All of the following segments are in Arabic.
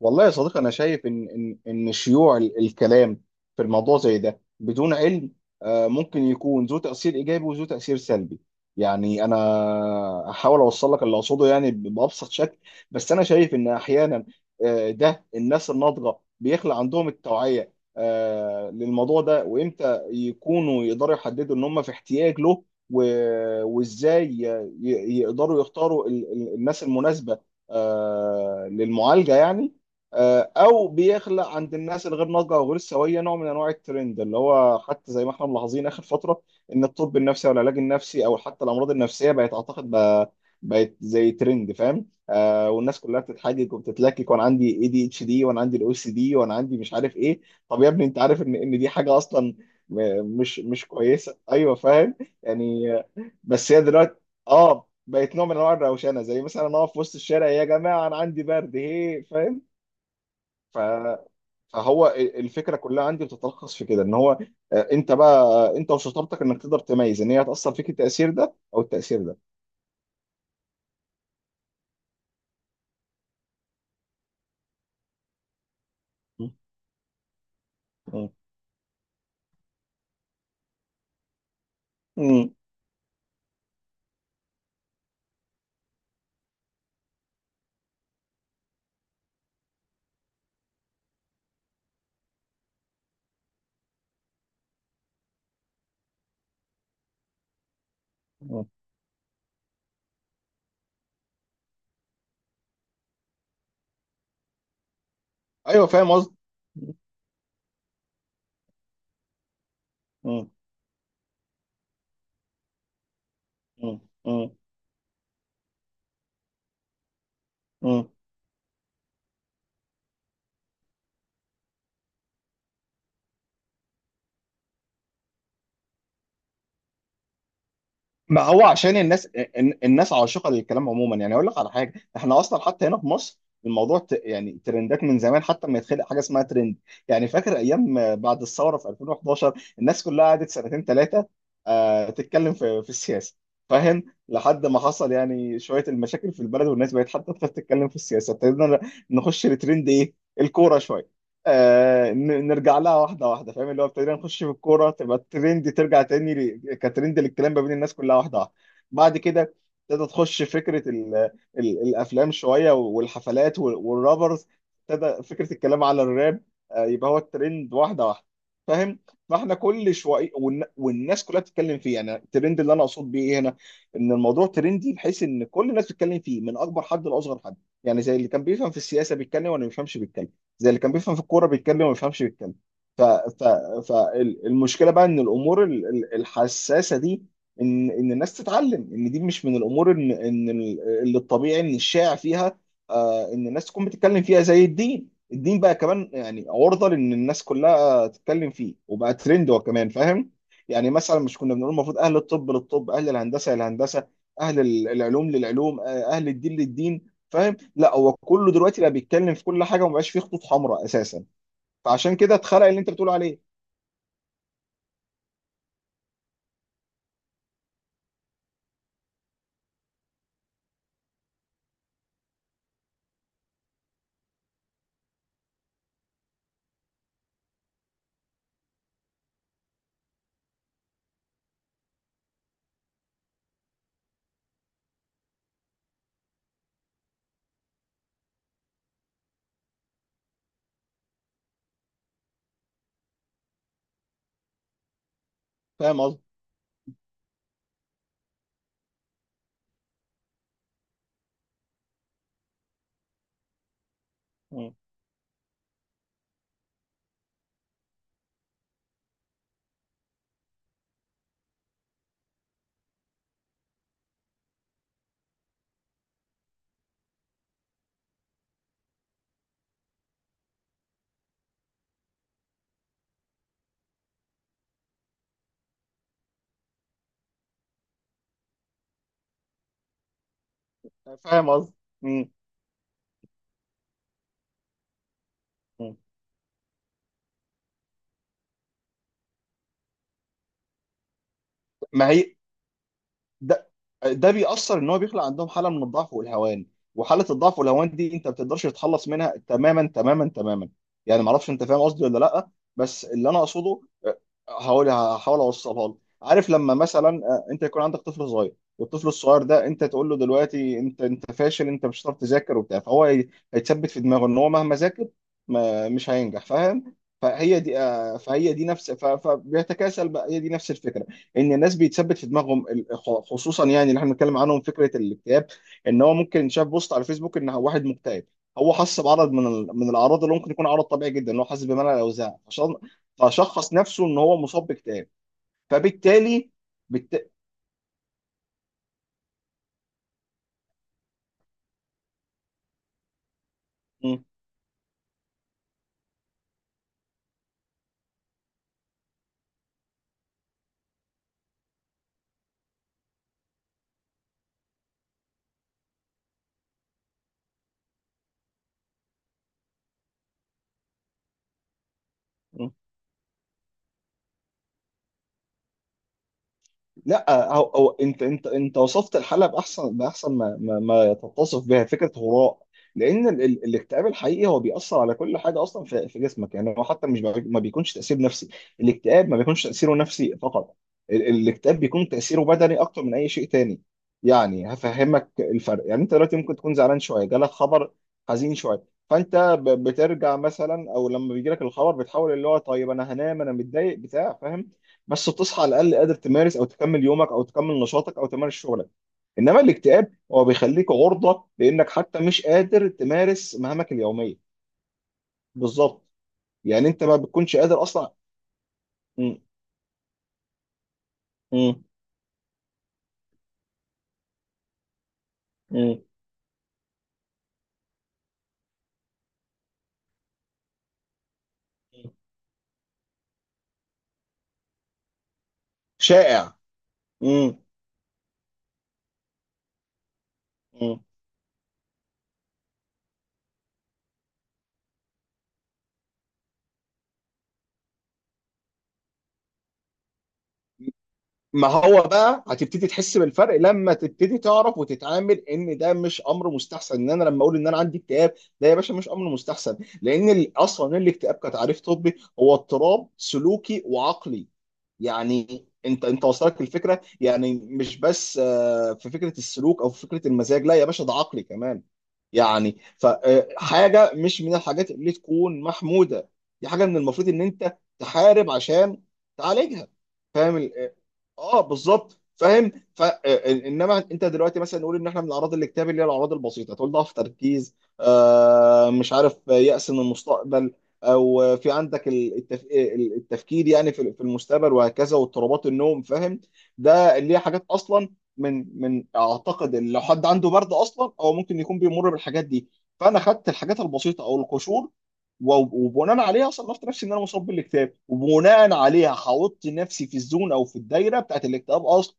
والله يا صديقي، انا شايف ان شيوع الكلام في الموضوع زي ده بدون علم. ممكن يكون ذو تاثير ايجابي وذو تاثير سلبي. يعني انا هحاول اوصل لك اللي اقصده، يعني بابسط شكل. بس انا شايف ان احيانا، ده الناس الناضجه بيخلق عندهم التوعيه للموضوع ده، وامتى يكونوا يقدروا يحددوا ان هم في احتياج له، وازاي يقدروا يختاروا الناس المناسبه للمعالجه، يعني. او بيخلق عند الناس الغير ناضجه او غير سويه نوع من انواع الترند، اللي هو حتى زي ما احنا ملاحظين اخر فتره، ان الطب النفسي او العلاج النفسي او حتى الامراض النفسيه بقت، اعتقد، بقى بقت زي ترند، فاهم؟ والناس كلها بتتحجج وبتتلكك، وانا عندي ADHD، وانا عندي الOCD، وانا عندي مش عارف ايه. طب يا ابني، انت عارف ان دي حاجه اصلا مش كويسه، ايوه فاهم. يعني، بس هي دلوقتي، اه، بقت نوع من انواع الروشنه، زي مثلا انا اقف في وسط الشارع، يا جماعه انا عندي برد هي، فاهم. ف- فهو الفكره كلها عندي بتتلخص في كده، ان هو، انت بقى، انت وشطارتك انك تقدر تميز ان هي هتاثر فيك التاثير ده او التاثير ده. م- م- م- م. ايوه فاهم قصدي. م- م- م- م- ما هو عشان الناس، الناس عاشقه للكلام عموما، يعني اقول لك على حاجه، احنا اصلا حتى هنا في مصر يعني ترندات من زمان، حتى ما يتخلق حاجه اسمها ترند. يعني فاكر ايام بعد الثوره في 2011، الناس كلها قعدت سنتين ثلاثه، تتكلم في السياسه، فاهم. لحد ما حصل يعني شويه المشاكل في البلد، والناس بقت حتى تخاف تتكلم في السياسه، ابتدينا نخش لترند ايه؟ الكوره شويه. نرجع لها واحده واحده، فاهم. اللي هو ابتدينا نخش في الكوره، تبقى الترند ترجع تاني كترند للكلام ما بين الناس كلها، واحده واحده. بعد كده ابتدى تخش فكره ال ال الافلام شويه والحفلات والرابرز. ابتدى فكره الكلام على الراب. يبقى هو الترند واحده واحده، فاهم. فاحنا كل شويه والناس كلها بتتكلم فيه. يعني الترند اللي انا اقصد بيه ايه هنا؟ ان الموضوع ترندي بحيث ان كل الناس بتتكلم فيه من اكبر حد لاصغر حد. يعني زي اللي كان بيفهم في السياسه بيتكلم واللي ما بيفهمش بيتكلم، زي اللي كان بيفهم في الكوره بيتكلم وما بيفهمش بيتكلم. ف... ف... فالمشكله بقى ان الامور الحساسه دي، ان الناس تتعلم ان دي مش من الامور، ان اللي الطبيعي ان الشائع فيها ان الناس تكون بتتكلم فيها، زي الدين. الدين بقى كمان يعني عرضه لان الناس كلها تتكلم فيه، وبقى ترند هو كمان، فاهم. يعني مثلا مش كنا بنقول المفروض اهل الطب للطب، اهل الهندسه للهندسه، اهل العلوم للعلوم، اهل الدين للدين، فاهم. لا، هو كله دلوقتي بقى بيتكلم في كل حاجه، ومبقاش فيه خطوط حمراء اساسا. فعشان كده اتخلق اللي انت بتقول عليه. فاهم قصدي؟ مم. فاهم قصدي؟ مم. مم. ما هي، ده ده بيأثر ان هو بيخلق عندهم حاله من الضعف والهوان، وحاله الضعف والهوان دي انت ما بتقدرش تتخلص منها تماما تماما تماما. يعني ما اعرفش انت فاهم قصدي ولا لا. بس اللي انا اقصده، آه، هقول هحاول اوصلها لك. عارف لما مثلا انت يكون عندك طفل صغير، والطفل الصغير ده انت تقول له دلوقتي انت فاشل، انت مش هتعرف تذاكر وبتاع، فهو هيتثبت في دماغه ان هو مهما ذاكر ما مش هينجح، فاهم. فهي دي، فهي دي نفس، فبيتكاسل بقى، هي دي نفس الفكره. ان الناس بيتثبت في دماغهم، خصوصا يعني اللي احنا بنتكلم عنهم فكره الاكتئاب. ان هو ممكن شاف بوست على فيسبوك ان واحد مكتئب، هو حس بعرض من من الاعراض اللي ممكن يكون عرض طبيعي جدا، ان هو حاسس بملل او زهق. فشخص نفسه ان هو مصاب باكتئاب، فبالتالي بالت... لا هو، انت وصفت الحاله باحسن ما ما تتصف بها فكره هراء. لان ال ال الاكتئاب الحقيقي هو بيأثر على كل حاجه اصلا في جسمك. يعني هو حتى مش بي- ما بيكونش تأثير نفسي. الاكتئاب ما بيكونش تأثيره نفسي فقط، الاكتئاب بيكون تأثيره بدني اكتر من اي شيء تاني. يعني هفهمك الفرق. يعني انت دلوقتي ممكن تكون زعلان شويه، جالك خبر حزين شويه، فانت بترجع مثلا، او لما بيجيلك الخبر بتحاول اللي هو طيب انا هنام انا متضايق بتاع، فاهم. بس بتصحى على الاقل قادر تمارس او تكمل يومك، او تكمل نشاطك او تمارس شغلك. انما الاكتئاب هو بيخليك عرضه لانك حتى مش قادر تمارس مهامك اليوميه. بالظبط. يعني انت ما بتكونش قادر اصلا. م- م- م- شائع. م- م- ما هو بقى هتبتدي تحس بالفرق لما تبتدي تعرف وتتعامل ان ده مش امر مستحسن، ان انا لما اقول ان انا عندي اكتئاب، ده يا باشا مش امر مستحسن. لان اصلا الاكتئاب كتعريف طبي هو اضطراب سلوكي وعقلي. يعني انت وصلك الفكره، يعني مش بس في فكره السلوك او في فكره المزاج، لا يا باشا ده عقلي كمان. يعني فحاجة مش من الحاجات اللي تكون محمودة. دي حاجة من المفروض ان انت تحارب عشان تعالجها، فاهم. بالظبط، فاهم ف آه، انما انت دلوقتي مثلا نقول ان احنا من اعراض الاكتئاب اللي هي الاعراض البسيطه، تقول ضعف تركيز، مش عارف، يأس من المستقبل، او في عندك التفكير يعني في المستقبل وهكذا، واضطرابات النوم، فاهم. ده اللي هي حاجات اصلا من اعتقد ان لو حد عنده برد اصلا هو ممكن يكون بيمر بالحاجات دي. فانا خدت الحاجات البسيطه او القشور، و- وبناء عليها صنفت نفسي ان انا مصاب بالاكتئاب، وبناء عليها حاطط نفسي في الزون او في الدايره بتاعت الاكتئاب اصلا.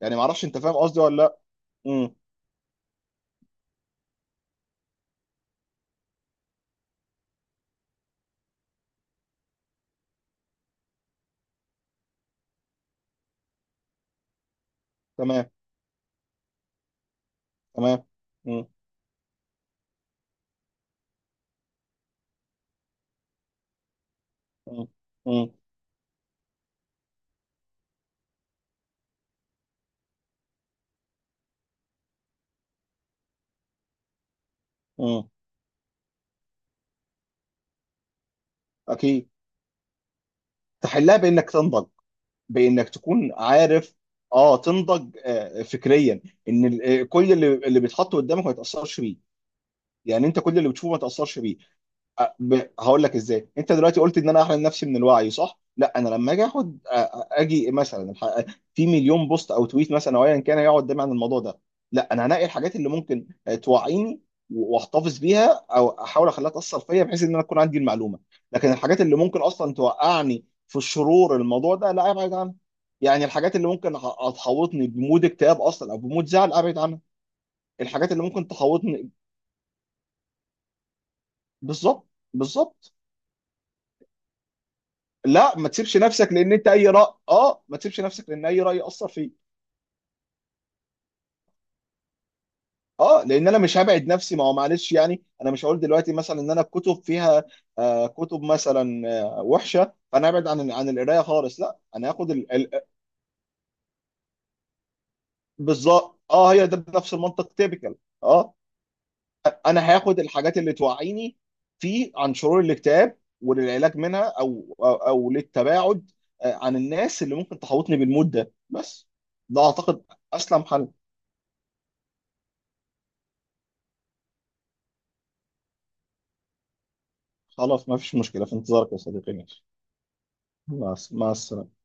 يعني ما اعرفش انت فاهم قصدي ولا لا. امم تمام. تمام. امم امم امم امم اكيد. تحلها بانك تنضج، بانك تكون عارف. اه، تنضج فكريا، ان كل اللي بيتحط قدامك ما يتاثرش بيه، يعني انت كل اللي بتشوفه ما تاثرش بيه. هقول لك ازاي. انت دلوقتي قلت ان انا احرم نفسي من الوعي، صح؟ لا، انا لما اجي اخد اجي مثلا في مليون بوست او تويت مثلا او ايا كان يقعد دايما عن الموضوع ده، لا انا هنقي الحاجات اللي ممكن توعيني واحتفظ بيها، او احاول اخليها تاثر فيا بحيث ان انا اكون عندي المعلومه. لكن الحاجات اللي ممكن اصلا توقعني في الشرور، الموضوع ده لا ابعد عنها. يعني الحاجات اللي ممكن تحوطني بمود اكتئاب اصلا، او بمود زعل، ابعد عنها. الحاجات اللي ممكن تحوطني. بالظبط. بالظبط. لا ما تسيبش نفسك لان انت اي راي، ما تسيبش نفسك لان اي راي ياثر فيك. اه لان انا مش هبعد نفسي، ما هو معلش يعني انا مش هقول دلوقتي مثلا ان انا الكتب فيها كتب مثلا وحشه، فانا ابعد عن القرايه خالص، لا انا هاخد بالظبط. اه، هي ده نفس المنطق تيبيكال. اه، انا هاخد الحاجات اللي توعيني في عن شرور الاكتئاب وللعلاج منها، أو للتباعد عن الناس اللي ممكن تحوطني بالمود ده بس. ده اعتقد اسلم حل. خلاص ما فيش مشكلة. في انتظارك يا صديقي، ماشي. مع السلامة.